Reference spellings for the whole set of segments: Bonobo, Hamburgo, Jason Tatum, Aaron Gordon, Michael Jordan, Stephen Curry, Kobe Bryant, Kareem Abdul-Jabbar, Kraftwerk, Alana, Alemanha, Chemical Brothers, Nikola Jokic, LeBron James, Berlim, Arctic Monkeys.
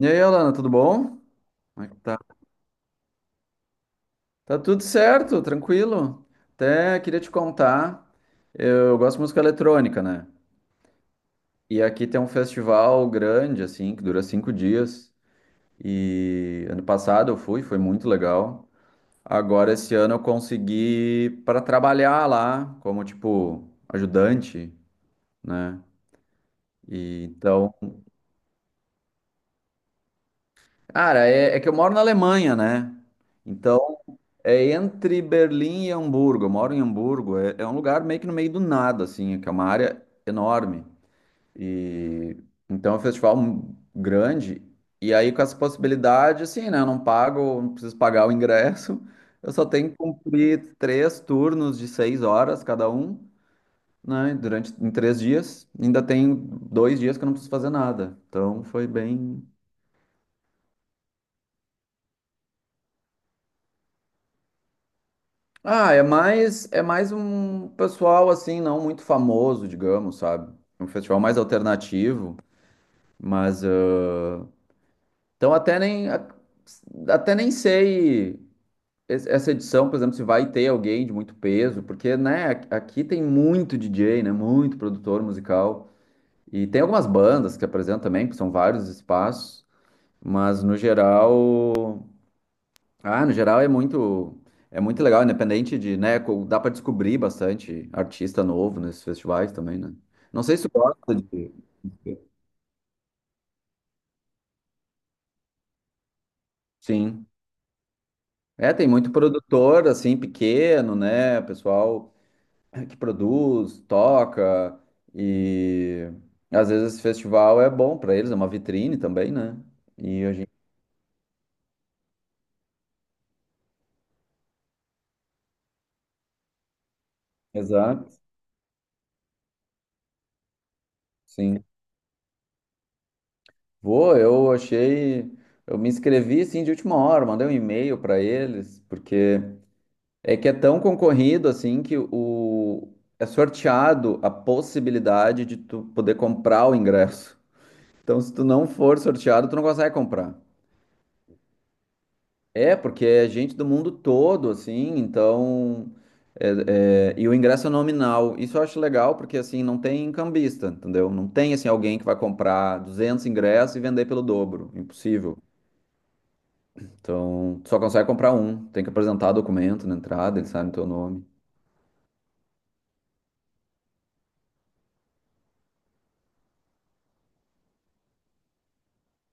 E aí, Alana, tudo bom? Como é que tá? Tá tudo certo, tranquilo. Até queria te contar, eu gosto de música eletrônica, né? E aqui tem um festival grande, assim, que dura cinco dias. E ano passado eu fui, foi muito legal. Agora, esse ano, eu consegui para trabalhar lá, como, tipo, ajudante, né? E então. Cara, é que eu moro na Alemanha, né? Então é entre Berlim e Hamburgo. Eu moro em Hamburgo. É um lugar meio que no meio do nada, assim, que é uma área enorme. E então é um festival grande. E aí, com essa possibilidade, assim, né? Eu não pago, não preciso pagar o ingresso. Eu só tenho que cumprir três turnos de seis horas cada um, né? Durante em três dias. Ainda tem dois dias que eu não preciso fazer nada. Então foi bem. Ah, é mais um pessoal assim, não muito famoso, digamos, sabe? Um festival mais alternativo, mas então até nem sei essa edição, por exemplo, se vai ter alguém de muito peso, porque né, aqui tem muito DJ, né, muito produtor musical e tem algumas bandas que apresentam também, que são vários espaços, mas no geral, no geral é muito, é muito legal, independente de, né, dá para descobrir bastante artista novo nesses festivais também, né? Não sei se tu gosta de… Sim. É, tem muito produtor assim pequeno, né, pessoal que produz, toca e às vezes esse festival é bom para eles, é uma vitrine também, né? E a gente… Exato. Sim. Vou, eu achei, eu me inscrevi assim de última hora, mandei um e-mail para eles, porque… É que é tão concorrido assim que o… é sorteado a possibilidade de tu poder comprar o ingresso. Então, se tu não for sorteado, tu não consegue comprar. É, porque é gente do mundo todo, assim, então. E o ingresso é nominal. Isso eu acho legal, porque assim, não tem cambista, entendeu? Não tem assim alguém que vai comprar 200 ingressos e vender pelo dobro. Impossível. Então, tu só consegue comprar um. Tem que apresentar documento na entrada, ele sabe o teu nome.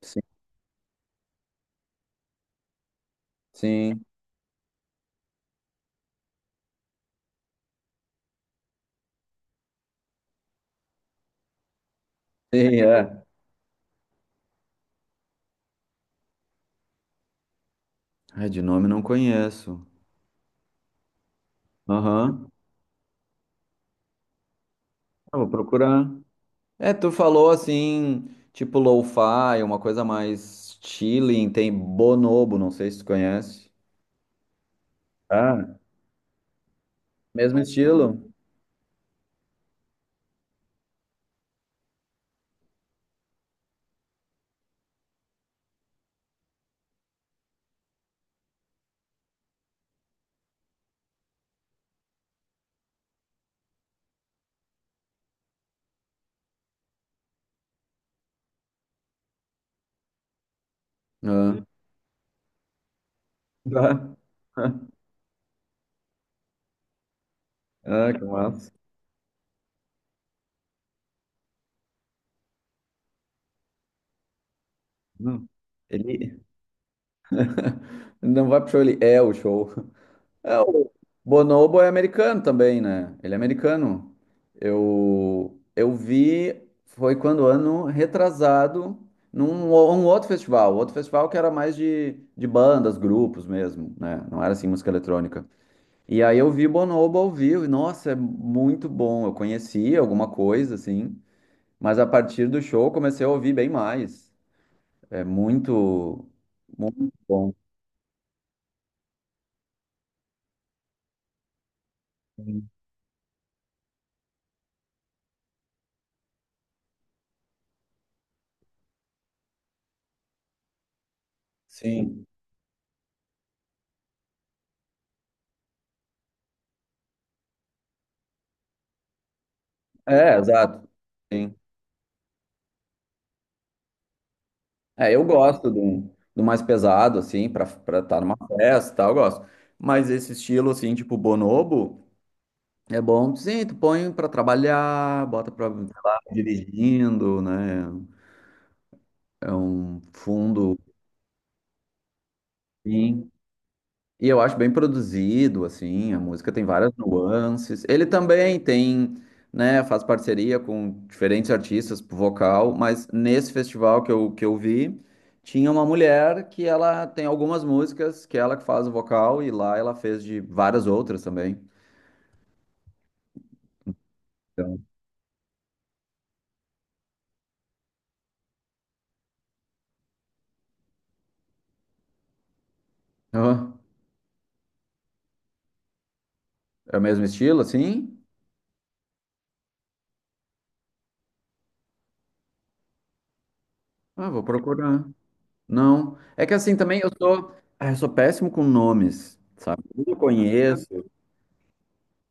Sim, sim, sim, é. Ai, de nome não conheço. Aham. Ah, vou procurar. É, tu falou assim, tipo lo-fi, uma coisa mais chilling, tem Bonobo, não sei se tu conhece. Ah, mesmo estilo? Ah, tá. Ah, que massa. Hum. Ele não vai pro show, ele é o show. É, o Bonobo é americano também, né? Ele é americano. Eu vi, foi quando ano retrasado, um outro festival que era mais de bandas, grupos mesmo, né? Não era assim música eletrônica. E aí eu vi Bonobo ao vivo, e nossa, é muito bom. Eu conhecia alguma coisa, assim, mas a partir do show eu comecei a ouvir bem mais. É muito, muito bom. Sim. É, exato. Sim. É, eu gosto do, do mais pesado, assim, pra estar tá numa festa e tal, eu gosto. Mas esse estilo, assim, tipo bonobo, é bom, sim, tu põe pra trabalhar, bota pra, sei lá, dirigindo, né? É um fundo, sim. E eu acho bem produzido, assim, a música tem várias nuances. Ele também tem, né, faz parceria com diferentes artistas pro vocal, mas nesse festival que eu vi, tinha uma mulher que ela tem algumas músicas que ela que faz o vocal e lá ela fez de várias outras também. Então, ah, é o mesmo estilo, assim? Ah, vou procurar. Não. É que assim também eu sou, ah, eu sou péssimo com nomes, sabe? Eu conheço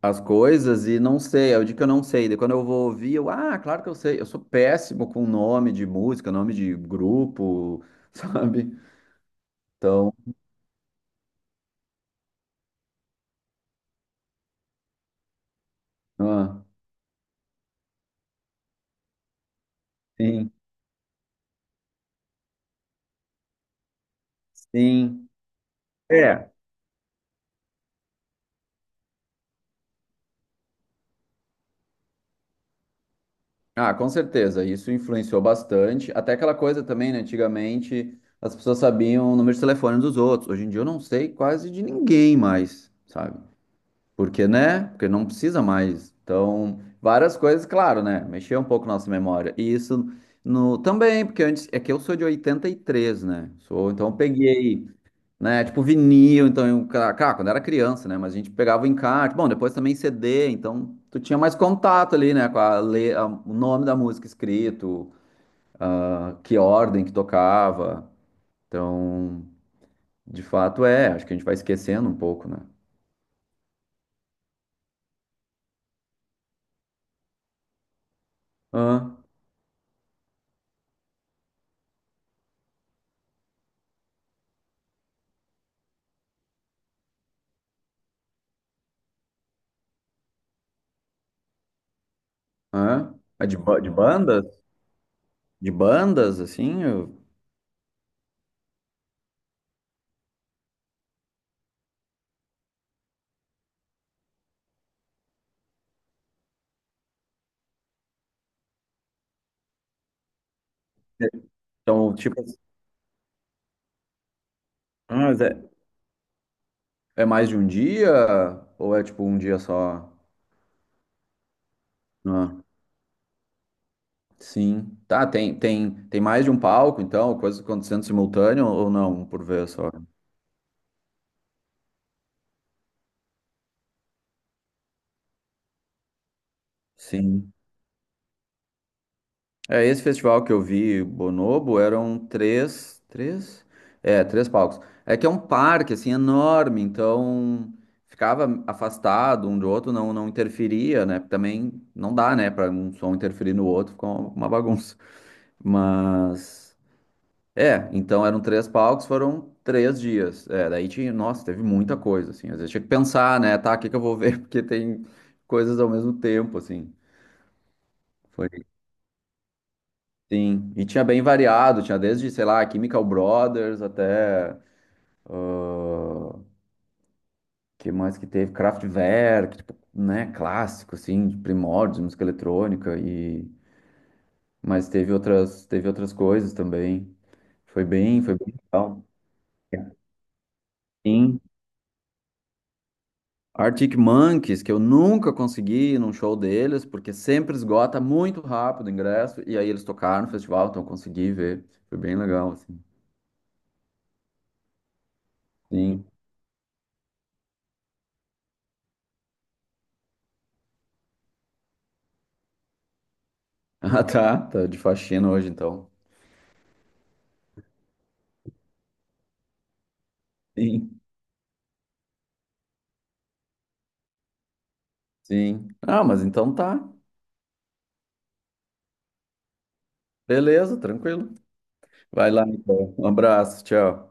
as coisas e não sei, é o dia que eu não sei. Daí quando eu vou ouvir, eu, ah, claro que eu sei. Eu sou péssimo com nome de música, nome de grupo, sabe? Então, ah, sim, sim. É. Ah, com certeza, isso influenciou bastante. Até aquela coisa também, né? Antigamente as pessoas sabiam o número de telefone dos outros. Hoje em dia eu não sei quase de ninguém mais, sabe? Porque, né? Porque não precisa mais. Então, várias coisas, claro, né? Mexer um pouco nossa memória. E isso no também, porque antes é que eu sou de 83, né? Sou, então eu peguei, né, tipo vinil, então eu, cara, quando era criança, né, mas a gente pegava o encarte. Bom, depois também CD, então tu tinha mais contato ali, né, com a, o nome da música escrito, ah, que ordem que tocava. Então, de fato é, acho que a gente vai esquecendo um pouco, né? Ah, ah. É de, de bandas? De bandas, assim? Então, tipo, ah, mas é, é mais de um dia ou é tipo um dia só? Ah, sim. Tá, tem mais de um palco, então, coisas acontecendo simultâneo ou não, por vez só? Sim. É, esse festival que eu vi, Bonobo, eram três, três? É, três palcos. É que é um parque, assim, enorme, então ficava afastado um do outro, não, não interferia, né? Também não dá, né, para um som interferir no outro, ficou uma bagunça. Mas… É, então eram três palcos, foram três dias. É, daí tinha. Nossa, teve muita coisa, assim. Às vezes tinha que pensar, né? Tá, o que que eu vou ver? Porque tem coisas ao mesmo tempo, assim. Foi. Sim. E tinha bem variado, tinha desde, sei lá, Chemical Brothers até. Que mais que teve? Kraftwerk, tipo, né? Clássico, assim, de primórdios, de música eletrônica. E… mas teve outras coisas também. Foi bem legal. Sim. Arctic Monkeys, que eu nunca consegui ir num show deles, porque sempre esgota muito rápido o ingresso, e aí eles tocaram no festival, então eu consegui ver. Foi bem legal, assim. Sim. Ah, tá. Tá de faxina hoje, então. Sim, sim. Ah, mas então tá. Beleza, tranquilo. Vai lá, então. Um abraço, tchau.